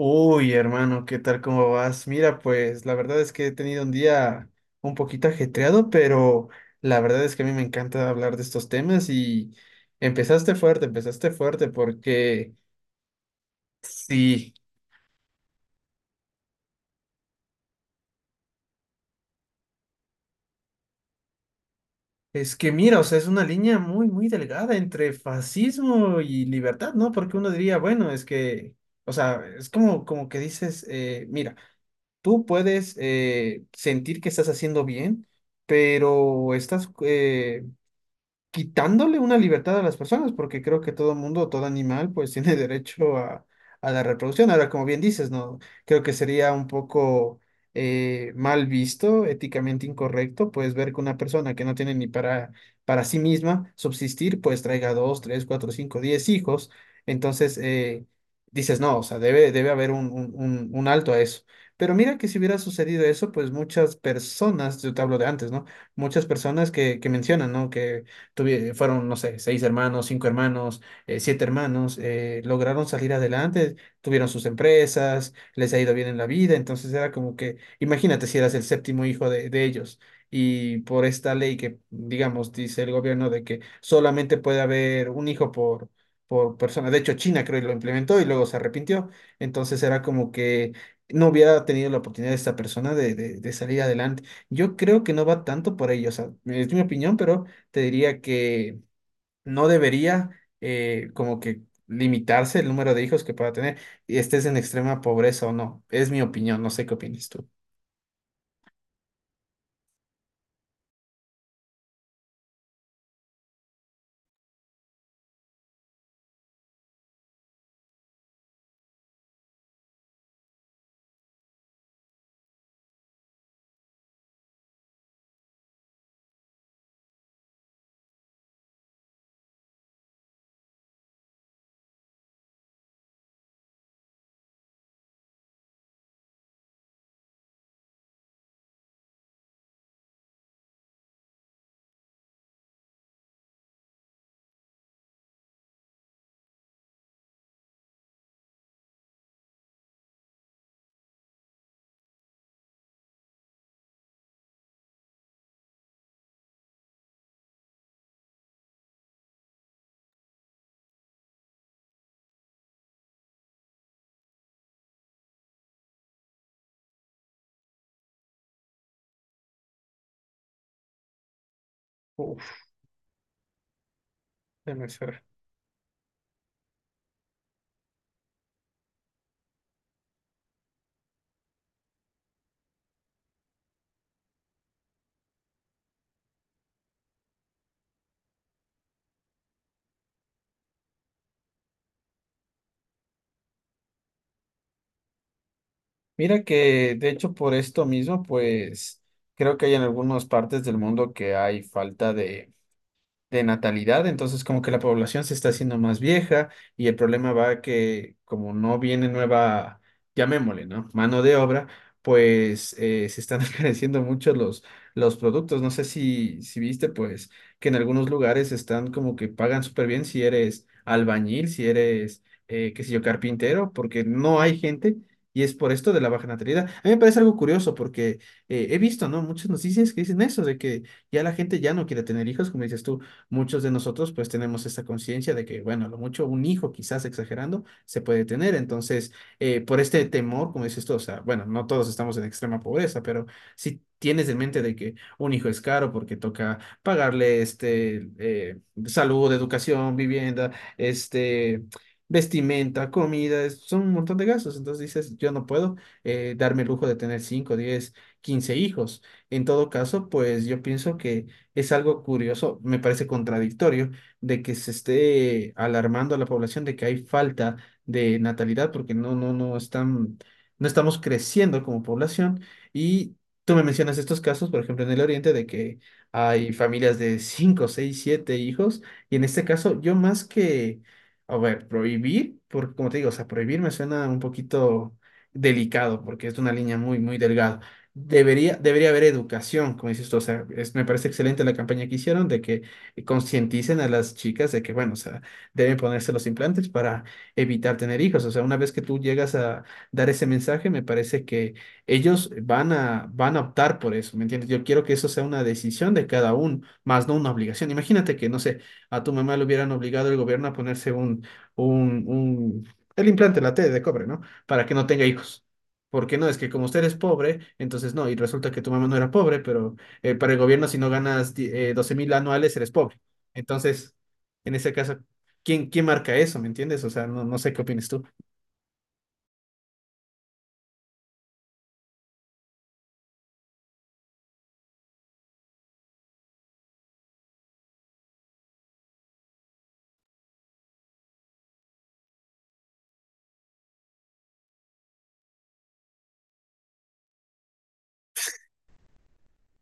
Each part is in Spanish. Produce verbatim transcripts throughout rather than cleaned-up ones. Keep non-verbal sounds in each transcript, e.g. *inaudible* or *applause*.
Uy, hermano, ¿qué tal? ¿Cómo vas? Mira, pues la verdad es que he tenido un día un poquito ajetreado, pero la verdad es que a mí me encanta hablar de estos temas y empezaste fuerte, empezaste fuerte porque sí, es que mira, o sea, es una línea muy, muy delgada entre fascismo y libertad, ¿no? Porque uno diría, bueno, es que, o sea, es como, como que dices, eh, mira, tú puedes eh, sentir que estás haciendo bien, pero estás... eh, quitándole una libertad a las personas, porque creo que todo mundo, todo animal, pues *laughs* tiene derecho a, a la reproducción. Ahora, como bien dices, no, creo que sería un poco eh, mal visto, éticamente incorrecto, pues ver que una persona que no tiene ni para, para sí misma subsistir, pues traiga dos, tres, cuatro, cinco, diez hijos. Entonces, eh, dices, no, o sea, debe, debe haber un, un, un un alto a eso. Pero mira que si hubiera sucedido eso, pues muchas personas, yo te hablo de antes, ¿no? Muchas personas que, que mencionan, ¿no? Que tuvi- fueron, no sé, seis hermanos, cinco hermanos, eh, siete hermanos, eh, lograron salir adelante, tuvieron sus empresas, les ha ido bien en la vida, entonces era como que, imagínate si eras el séptimo hijo de, de ellos. Y por esta ley que, digamos, dice el gobierno de que solamente puede haber un hijo por, por persona. De hecho, China creo que lo implementó y luego se arrepintió. Entonces era como que no hubiera tenido la oportunidad de esta persona de, de, de salir adelante. Yo creo que no va tanto por ello, o sea, es mi opinión, pero te diría que no debería eh, como que limitarse el número de hijos que pueda tener y estés en extrema pobreza o no. Es mi opinión, no sé qué opinas tú. Uf, déjame ver. Mira que de hecho por esto mismo, pues creo que hay en algunas partes del mundo que hay falta de de natalidad, entonces como que la población se está haciendo más vieja y el problema va que como no viene nueva, llamémosle, ¿no? Mano de obra, pues eh, se están *laughs* encareciendo mucho los, los productos. No sé si, si viste, pues, que en algunos lugares están como que pagan súper bien si eres albañil, si eres, eh, qué sé yo, carpintero, porque no hay gente. Y es por esto de la baja natalidad. A mí me parece algo curioso porque eh, he visto, ¿no? Muchas noticias que dicen eso, de que ya la gente ya no quiere tener hijos, como dices tú. Muchos de nosotros pues tenemos esta conciencia de que, bueno, a lo mucho un hijo, quizás exagerando, se puede tener. Entonces, eh, por este temor, como dices tú, o sea, bueno, no todos estamos en extrema pobreza, pero si tienes en mente de que un hijo es caro porque toca pagarle este, eh, salud, educación, vivienda, este... vestimenta, comida, es- son un montón de gastos. Entonces dices, yo no puedo eh, darme el lujo de tener cinco diez quince hijos. En todo caso, pues yo pienso que es algo curioso, me parece contradictorio, de que se esté alarmando a la población de que hay falta de natalidad porque no, no, no están, no estamos creciendo como población. Y tú me mencionas estos casos, por ejemplo, en el Oriente, de que hay familias de *laughs* cinco seis siete hijos. Y en este caso, yo más que, a ver, prohibir, porque como te digo, o sea, prohibir me suena un poquito delicado porque es una línea muy, muy delgada. Debería, debería haber educación, como dices tú, o sea, es- me parece excelente la campaña que hicieron de que concienticen a las chicas de que, bueno, o sea, deben ponerse los implantes para evitar tener hijos, o sea, una vez que tú llegas a dar ese mensaje, me parece que ellos van a, van a optar por eso, ¿me entiendes? Yo quiero que eso sea una decisión de cada uno, más no una obligación. Imagínate que, no sé, a tu mamá le hubieran obligado el gobierno a ponerse un, un, un, el implante, la T de cobre, ¿no? Para que no tenga hijos. Porque no, es que como usted es pobre, entonces no, y resulta que tu mamá no era pobre, pero eh, para el gobierno si no ganas di- eh, 12 mil anuales eres pobre. Entonces, en ese caso, ¿quién, quién marca eso? ¿Me entiendes? O sea, no, no sé qué opinas tú.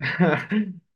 *laughs*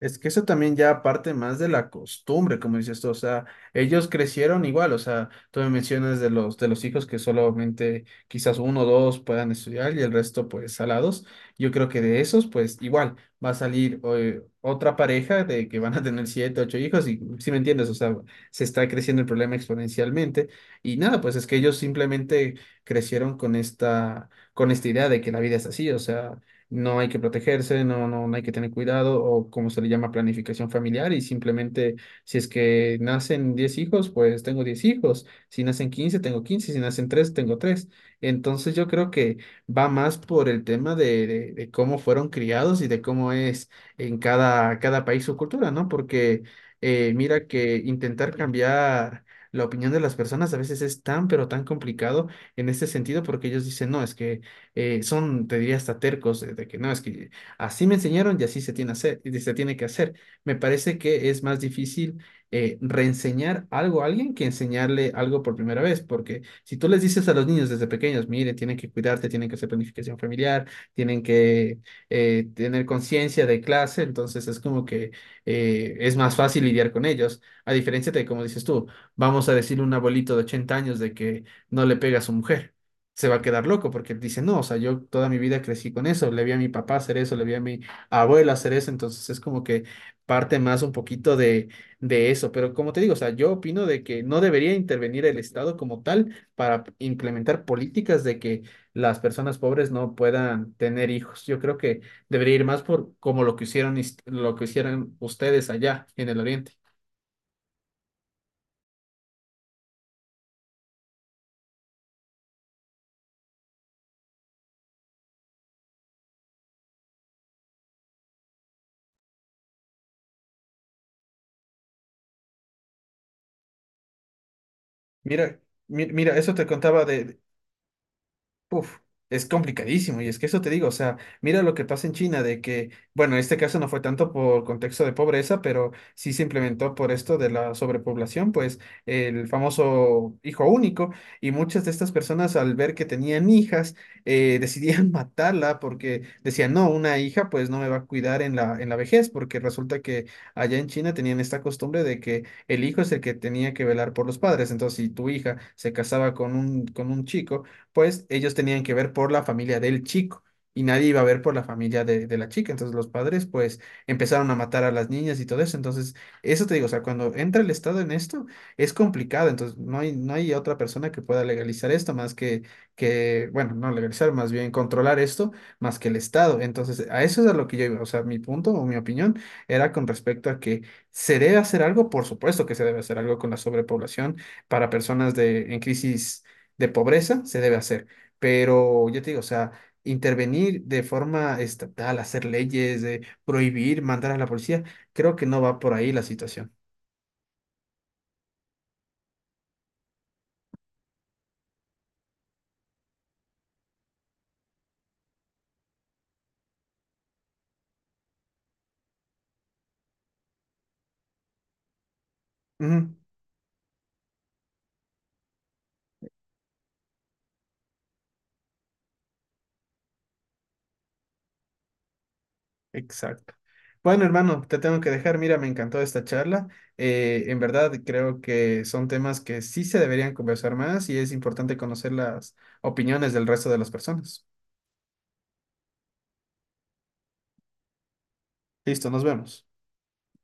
Es que eso también ya parte más de la costumbre, como dices tú, o sea, ellos crecieron igual, o sea, tú me mencionas de los, de los hijos que solamente quizás uno o dos puedan estudiar y el resto pues salados, yo creo que de esos pues igual va a salir eh, otra pareja de que van a tener siete, ocho hijos y si me entiendes, o sea, se está creciendo el problema exponencialmente y nada, pues es que ellos simplemente crecieron con esta, con esta idea de que la vida es así, o sea no hay que protegerse, no, no, no hay que tener cuidado, o como se le llama planificación familiar, y simplemente si es que nacen diez hijos, pues tengo diez hijos, si nacen quince tengo quince si nacen tres tengo tres. Entonces yo creo que va más por el tema de, de- de cómo fueron criados y de cómo es en cada, cada país su cultura, ¿no? Porque eh, mira que intentar cambiar la opinión de las personas a veces es tan, pero tan complicado en este sentido porque ellos dicen, no, es que eh, son, te diría, hasta tercos de, de que no, es que así me enseñaron y así se tiene, hacer, y se tiene que hacer. Me parece que es más difícil eh, reenseñar algo a alguien que enseñarle algo por primera vez, porque si tú les dices a los niños desde pequeños, mire, tienen que cuidarte, tienen que hacer planificación familiar, tienen que eh, tener conciencia de clase, entonces es como que eh, es más fácil lidiar con ellos, a diferencia de, como dices tú, vamos a decirle a un abuelito de ochenta años de que no le pega a su mujer se va a quedar loco porque él dice, no, o sea, yo toda mi vida crecí con eso, le vi a mi papá hacer eso, le vi a mi abuela hacer eso, entonces es como que parte más un poquito de, de eso, pero como te digo, o sea, yo opino de que no debería intervenir el Estado como tal para implementar políticas de que las personas pobres no puedan tener hijos. Yo creo que debería ir más por como lo que hicieron, is- lo que hicieron ustedes allá en el Oriente. Mira, mi- mira, eso te contaba de, Uf, es complicadísimo, y es que eso te digo, o sea, mira lo que pasa en China, de que, bueno, en este caso no fue tanto por contexto de pobreza, pero sí se implementó por esto de la sobrepoblación, pues el famoso hijo único, y muchas de estas personas al ver que tenían hijas, eh, decidían *laughs* matarla porque decían, no, una hija pues no me va a cuidar en la, en la vejez, porque resulta que allá en China tenían esta costumbre de que el hijo es el que tenía que velar por los padres, entonces si tu hija se casaba con un, con un chico, pues ellos tenían que ver por la familia del chico y nadie iba a ver por la familia de, de la chica. Entonces los padres pues empezaron a matar a las niñas y todo eso. Entonces, eso te digo, o sea, cuando entra el Estado en esto, es complicado. Entonces, no hay, no hay otra persona que pueda legalizar esto más que, que, bueno, no legalizar, más bien controlar esto más que el Estado. Entonces, a eso es a lo que yo iba. O sea, mi punto o mi opinión era con respecto a que se debe hacer algo, por supuesto que se debe hacer algo con la sobrepoblación para personas de, en crisis de pobreza se debe hacer, pero yo te digo, o sea, intervenir de forma estatal, hacer leyes, de prohibir, mandar a la policía, creo que no va por ahí la situación. Ujú, exacto. Bueno, hermano, te tengo que dejar. Mira, me encantó esta charla. Eh, en verdad, creo que son temas que sí se deberían conversar más y es importante conocer las opiniones del resto de las personas. Listo, nos vemos.